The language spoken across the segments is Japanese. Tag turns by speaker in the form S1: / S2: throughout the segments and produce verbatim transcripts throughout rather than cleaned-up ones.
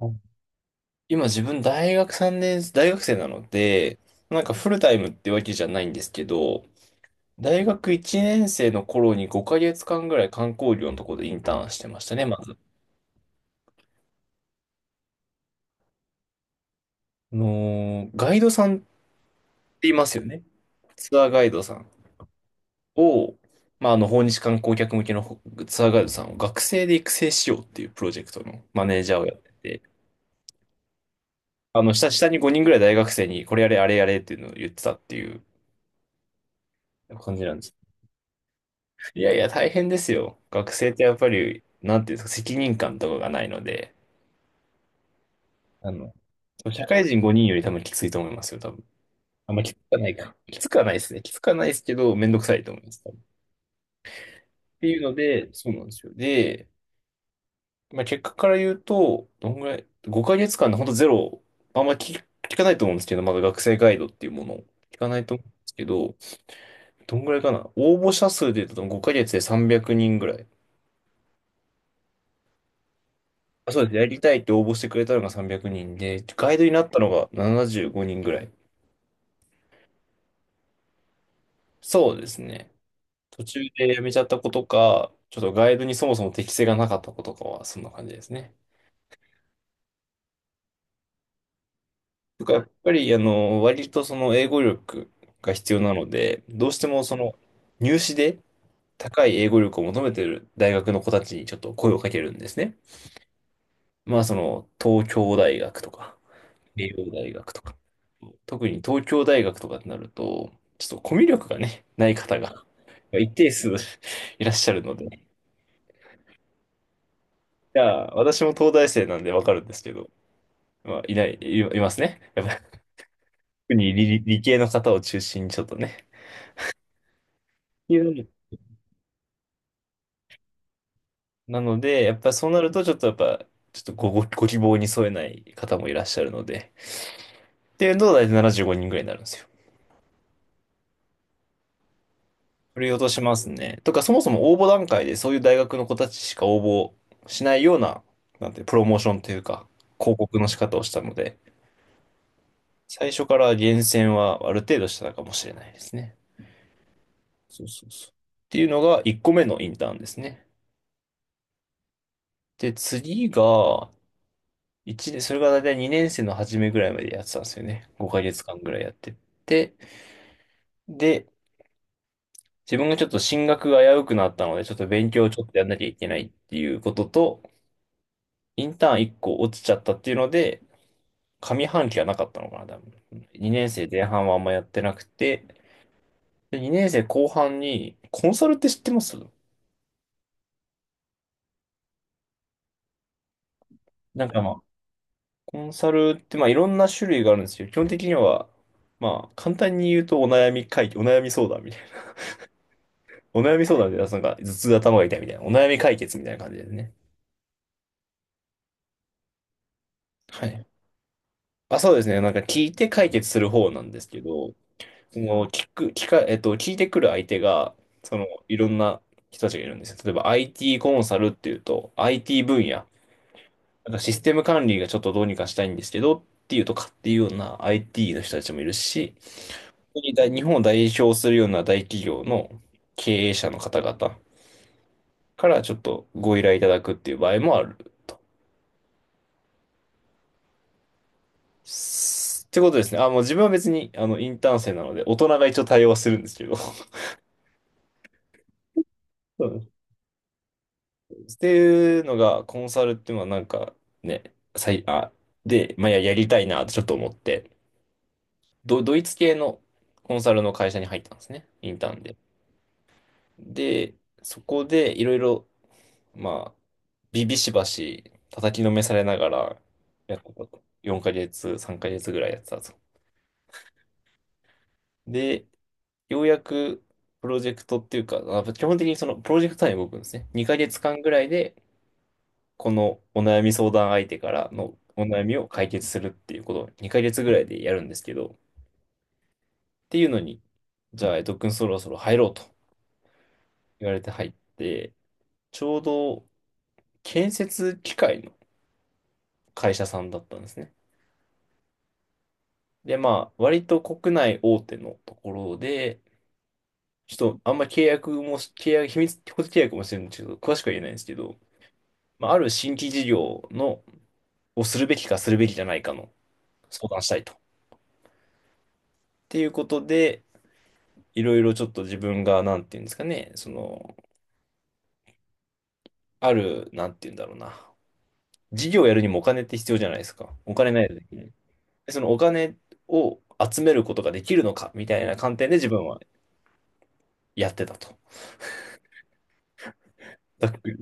S1: あ、今自分大学さんねん、大学生なので、なんかフルタイムってわけじゃないんですけど、大学いちねん生の頃にごかげつかんぐらい観光業のところでインターンしてましたね、まず。あのーガイドさんっていますよね。ツアーガイドさんを、まあ、あの、訪日観光客向けのほツアーガイドさんを学生で育成しようっていうプロジェクトのマネージャーをやってて、あの、下、下にごにんぐらい大学生にこれやれ、あれやれっていうのを言ってたっていう感じなんです。いやいや、大変ですよ。学生ってやっぱり、なんていうんですか、責任感とかがないので、あの、社会人ごにんより多分きついと思いますよ、多分。あんまきつくはないか。きつくはないですね。きつくはないですけど、めんどくさいと思います、多分。っていうので、そうなんですよ。で、まあ、結果から言うと、どんぐらい、ごかげつかんで本当ゼロ、あんまり聞、聞かないと思うんですけど、まだ学生ガイドっていうものを聞かないと思うんですけど、どんぐらいかな。応募者数で言うとごかげつでさんびゃくにんぐらい。あ、そうです。やりたいって応募してくれたのがさんびゃくにんで、ガイドになったのがななじゅうごにんぐらい。そうですね。途中で辞めちゃった子とか、ちょっとガイドにそもそも適性がなかった子とかは、そんな感じですね。とか、やっぱり、あの、割とその英語力が必要なので、どうしてもその入試で高い英語力を求めてる大学の子たちにちょっと声をかけるんですね。まあ、その、東京大学とか、慶応大学とか、特に東京大学とかになると、ちょっとコミュ力がね、ない方が一定数 いらっしゃるので、じゃあ、私も東大生なんでわかるんですけど、まあ、いない、い、いますね。やっぱり、特に理、理系の方を中心にちょっとね、っていうのもなので、やっぱそうなると、ちょっとやっぱ、ちょっとご、ご、ご希望に添えない方もいらっしゃるので。っていうのと、大体ななじゅうごにんぐらいになるんですよ。振り落としますね。とか、そもそも応募段階でそういう大学の子たちしか応募しないような、なんて、プロモーションというか、広告の仕方をしたので、最初から厳選はある程度してたかもしれないですね。そうそうそう。っていうのがいっこめのインターンですね。で、次が、いちねん、それが大体にねん生の初めぐらいまでやってたんですよね。ごかげつかんぐらいやってて、で、自分がちょっと進学が危うくなったので、ちょっと勉強をちょっとやんなきゃいけないっていうことと、インターンいっこ落ちちゃったっていうので、上半期はなかったのかな、多分。にねん生前半はあんまやってなくて、で、にねん生後半に、コンサルって知ってます？なんかまあ、コンサルってまあいろんな種類があるんですよ。基本的には、まあ簡単に言うとお悩み解決、お悩み相談みたいな。お悩み相談でなんか頭痛頭が痛いみたいな。お悩み解決みたいな感じですね。はい。あ、そうですね。なんか聞いて解決する方なんですけど、その聞く、聞か、えっと、聞いてくる相手が、その、いろんな人たちがいるんですよ。例えば アイティー コンサルっていうと、アイティー 分野、なんかシステム管理がちょっとどうにかしたいんですけど、っていうとかっていうような アイティー の人たちもいるし、本当に大日本を代表するような大企業の経営者の方々からちょっとご依頼いただくっていう場合もあると。すってことですね。あ、もう自分は別に、あの、インターン生なので、大人が一応対応はするんですけど。っていうのが、コンサルっていうのはなんかね、さい、あ、で、まあ、や、やりたいなってちょっと思って、ド、ドイツ系のコンサルの会社に入ったんですね、インターンで。で、そこでいろいろ、まあ、ビビしばし叩きのめされながらやってたと。よんかげつ、さんかげつぐらいやってたと。で、ようやくプロジェクトっていうか、あ基本的にそのプロジェクト単位で動くんですね。にかげつかんぐらいでこのお悩み相談相手からのお悩みを解決するっていうことをにかげつぐらいでやるんですけど、っていうのに、じゃあ、江戸くんそろそろ入ろうと言われて入って、ちょうど建設機械の会社さんだったんですね。で、まあ、割と国内大手のところで、ちょっとあんま契約もし、契約、秘密、個人契約もしてるんですけど、詳しくは言えないんですけど、まあ、ある新規事業の、をするべきかするべきじゃないかの相談したいと。っていうことで、いろいろちょっと自分が、なんていうんですかね、その、ある、なんていうんだろうな。事業をやるにもお金って必要じゃないですか。お金ないとできない。でそのお金を集めることができるのか、みたいな観点で自分はやってたと。ざっくり。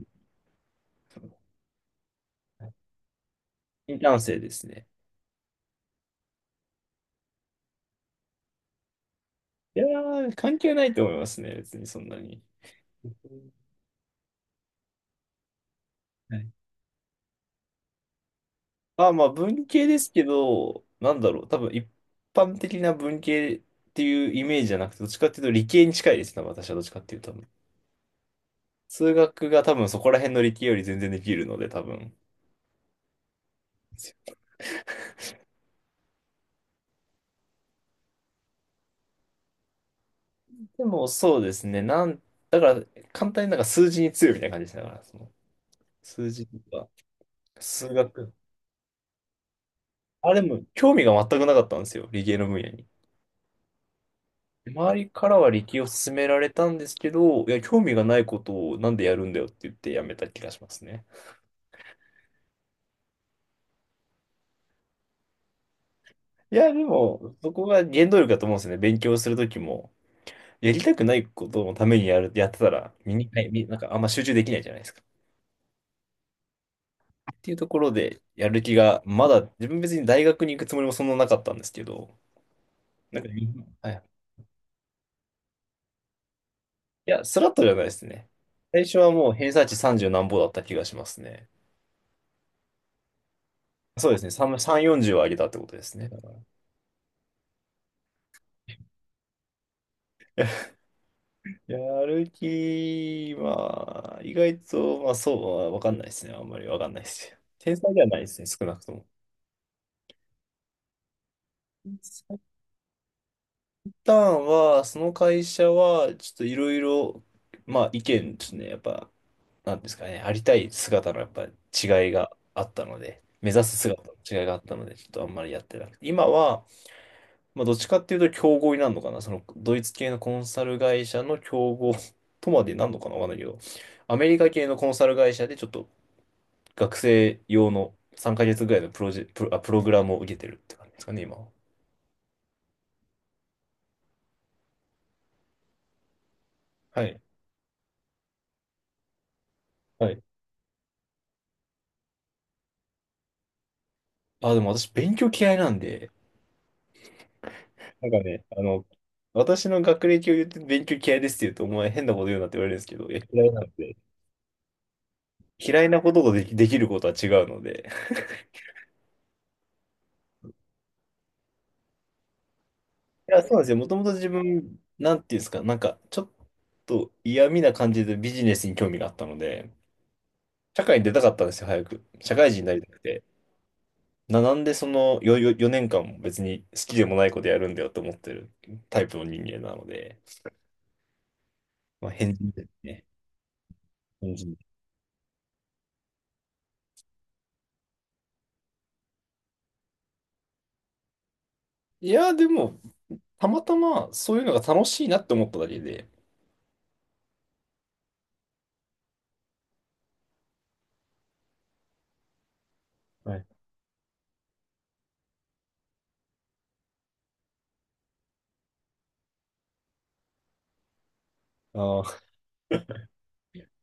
S1: インターン生ですね。いやー、関係ないと思いますね。別にそんなに。はい、まあまあ、文系ですけど、なんだろう。多分一般的な文系っていうイメージじゃなくて、どっちかっていうと理系に近いですね。私はどっちかっていうと。数学が多分そこら辺の理系より全然できるので、多分。でもそうですね。なん、だから簡単になんか数字に強いみたいな感じでしから、その数字とか数学。あ、でも興味が全くなかったんですよ。理系の分野に。周りからは理系を勧められたんですけど、いや、興味がないことをなんでやるんだよって言ってやめた気がしますね。いや、でも、そこが原動力だと思うんですよね。勉強するときも。やりたくないことのためにやる、やってたら、身に、はいみなんかあんま集中できないじゃないですか。っていうところで、やる気が、まだ、自分別に大学に行くつもりもそんななかったんですけど、なんか、はい。いや、スラッとじゃないですね。最初はもう偏差値さんじゅう何ぼだった気がしますね。そうですね。さん、さん、よんじゅうは上げたってことですね。だからやる気、まあ、意外と、まあそう、わかんないですね。あんまりわかんないですよ。天才ではないですね、少なくとも。一旦は、その会社は、ちょっといろいろ、まあ意見ですね。やっぱ、なんですかね、ありたい姿のやっぱり違いがあったので、目指す姿の違いがあったので、ちょっとあんまりやってなくて、今は、まあ、どっちかっていうと競合になるのかな、そのドイツ系のコンサル会社の競合 とまでなんのかな、わかんないけど、アメリカ系のコンサル会社でちょっと学生用のさんかげつぐらいのプロジェ、プロ、あ、プログラムを受けてるって感じですかね、今は。はい。はい。あ、でも私勉強嫌いなんで、なんかね、あの、私の学歴を言って勉強嫌いですって言うと、お前変なこと言うなって言われるんですけど、いや、嫌いなんで。嫌いなこととでき、できることは違うので。いや、そうなんですよ。もともと自分、なんていうんですか、なんか、ちょっと嫌味な感じでビジネスに興味があったので、社会に出たかったんですよ、早く。社会人になりたくて。な、なんでそのよよよねんかんも別に好きでもないことやるんだよと思ってるタイプの人間なので、まあ、変人ですね。変人。いや、でも、たまたまそういうのが楽しいなって思っただけで、はい、あ、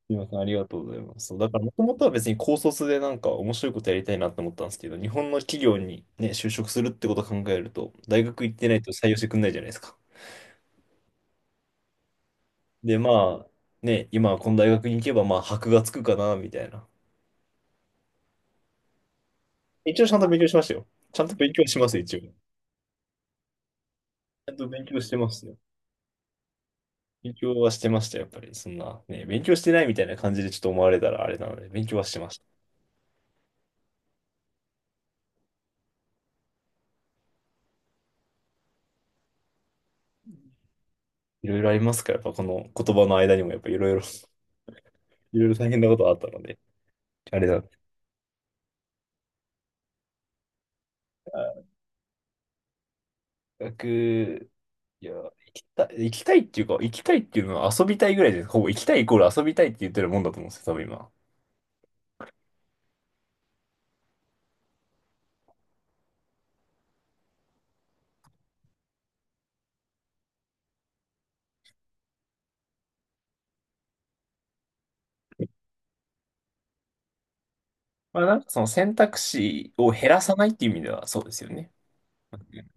S1: すみません、ありがとうございます。そう、だから、もともとは別に高卒でなんか面白いことやりたいなと思ったんですけど、日本の企業にね、就職するってことを考えると、大学行ってないと採用してくんないじゃないですか。で、まあ、ね、今この大学に行けば、まあ、箔がつくかな、みたいな。一応ちゃんと勉強しましたよ。ちゃんと勉強します、一応。ちゃんと勉強してますよ。勉強はしてました、やっぱり。そんな、ね、勉強してないみたいな感じでちょっと思われたらあれなので、勉強はしてました。いろいろありますから、やっぱこの言葉の間にも、やっぱいろいろ、いろいろ大変なことがあったので、あれだ。学、いや、行きたい、行きたいっていうか、行きたいっていうのは遊びたいぐらいで、ほぼ行きたいイコール遊びたいって言ってるもんだと思うんですよ、多分今。まあなんかその選択肢を減らさないっていう意味ではそうですよね。うん確かに。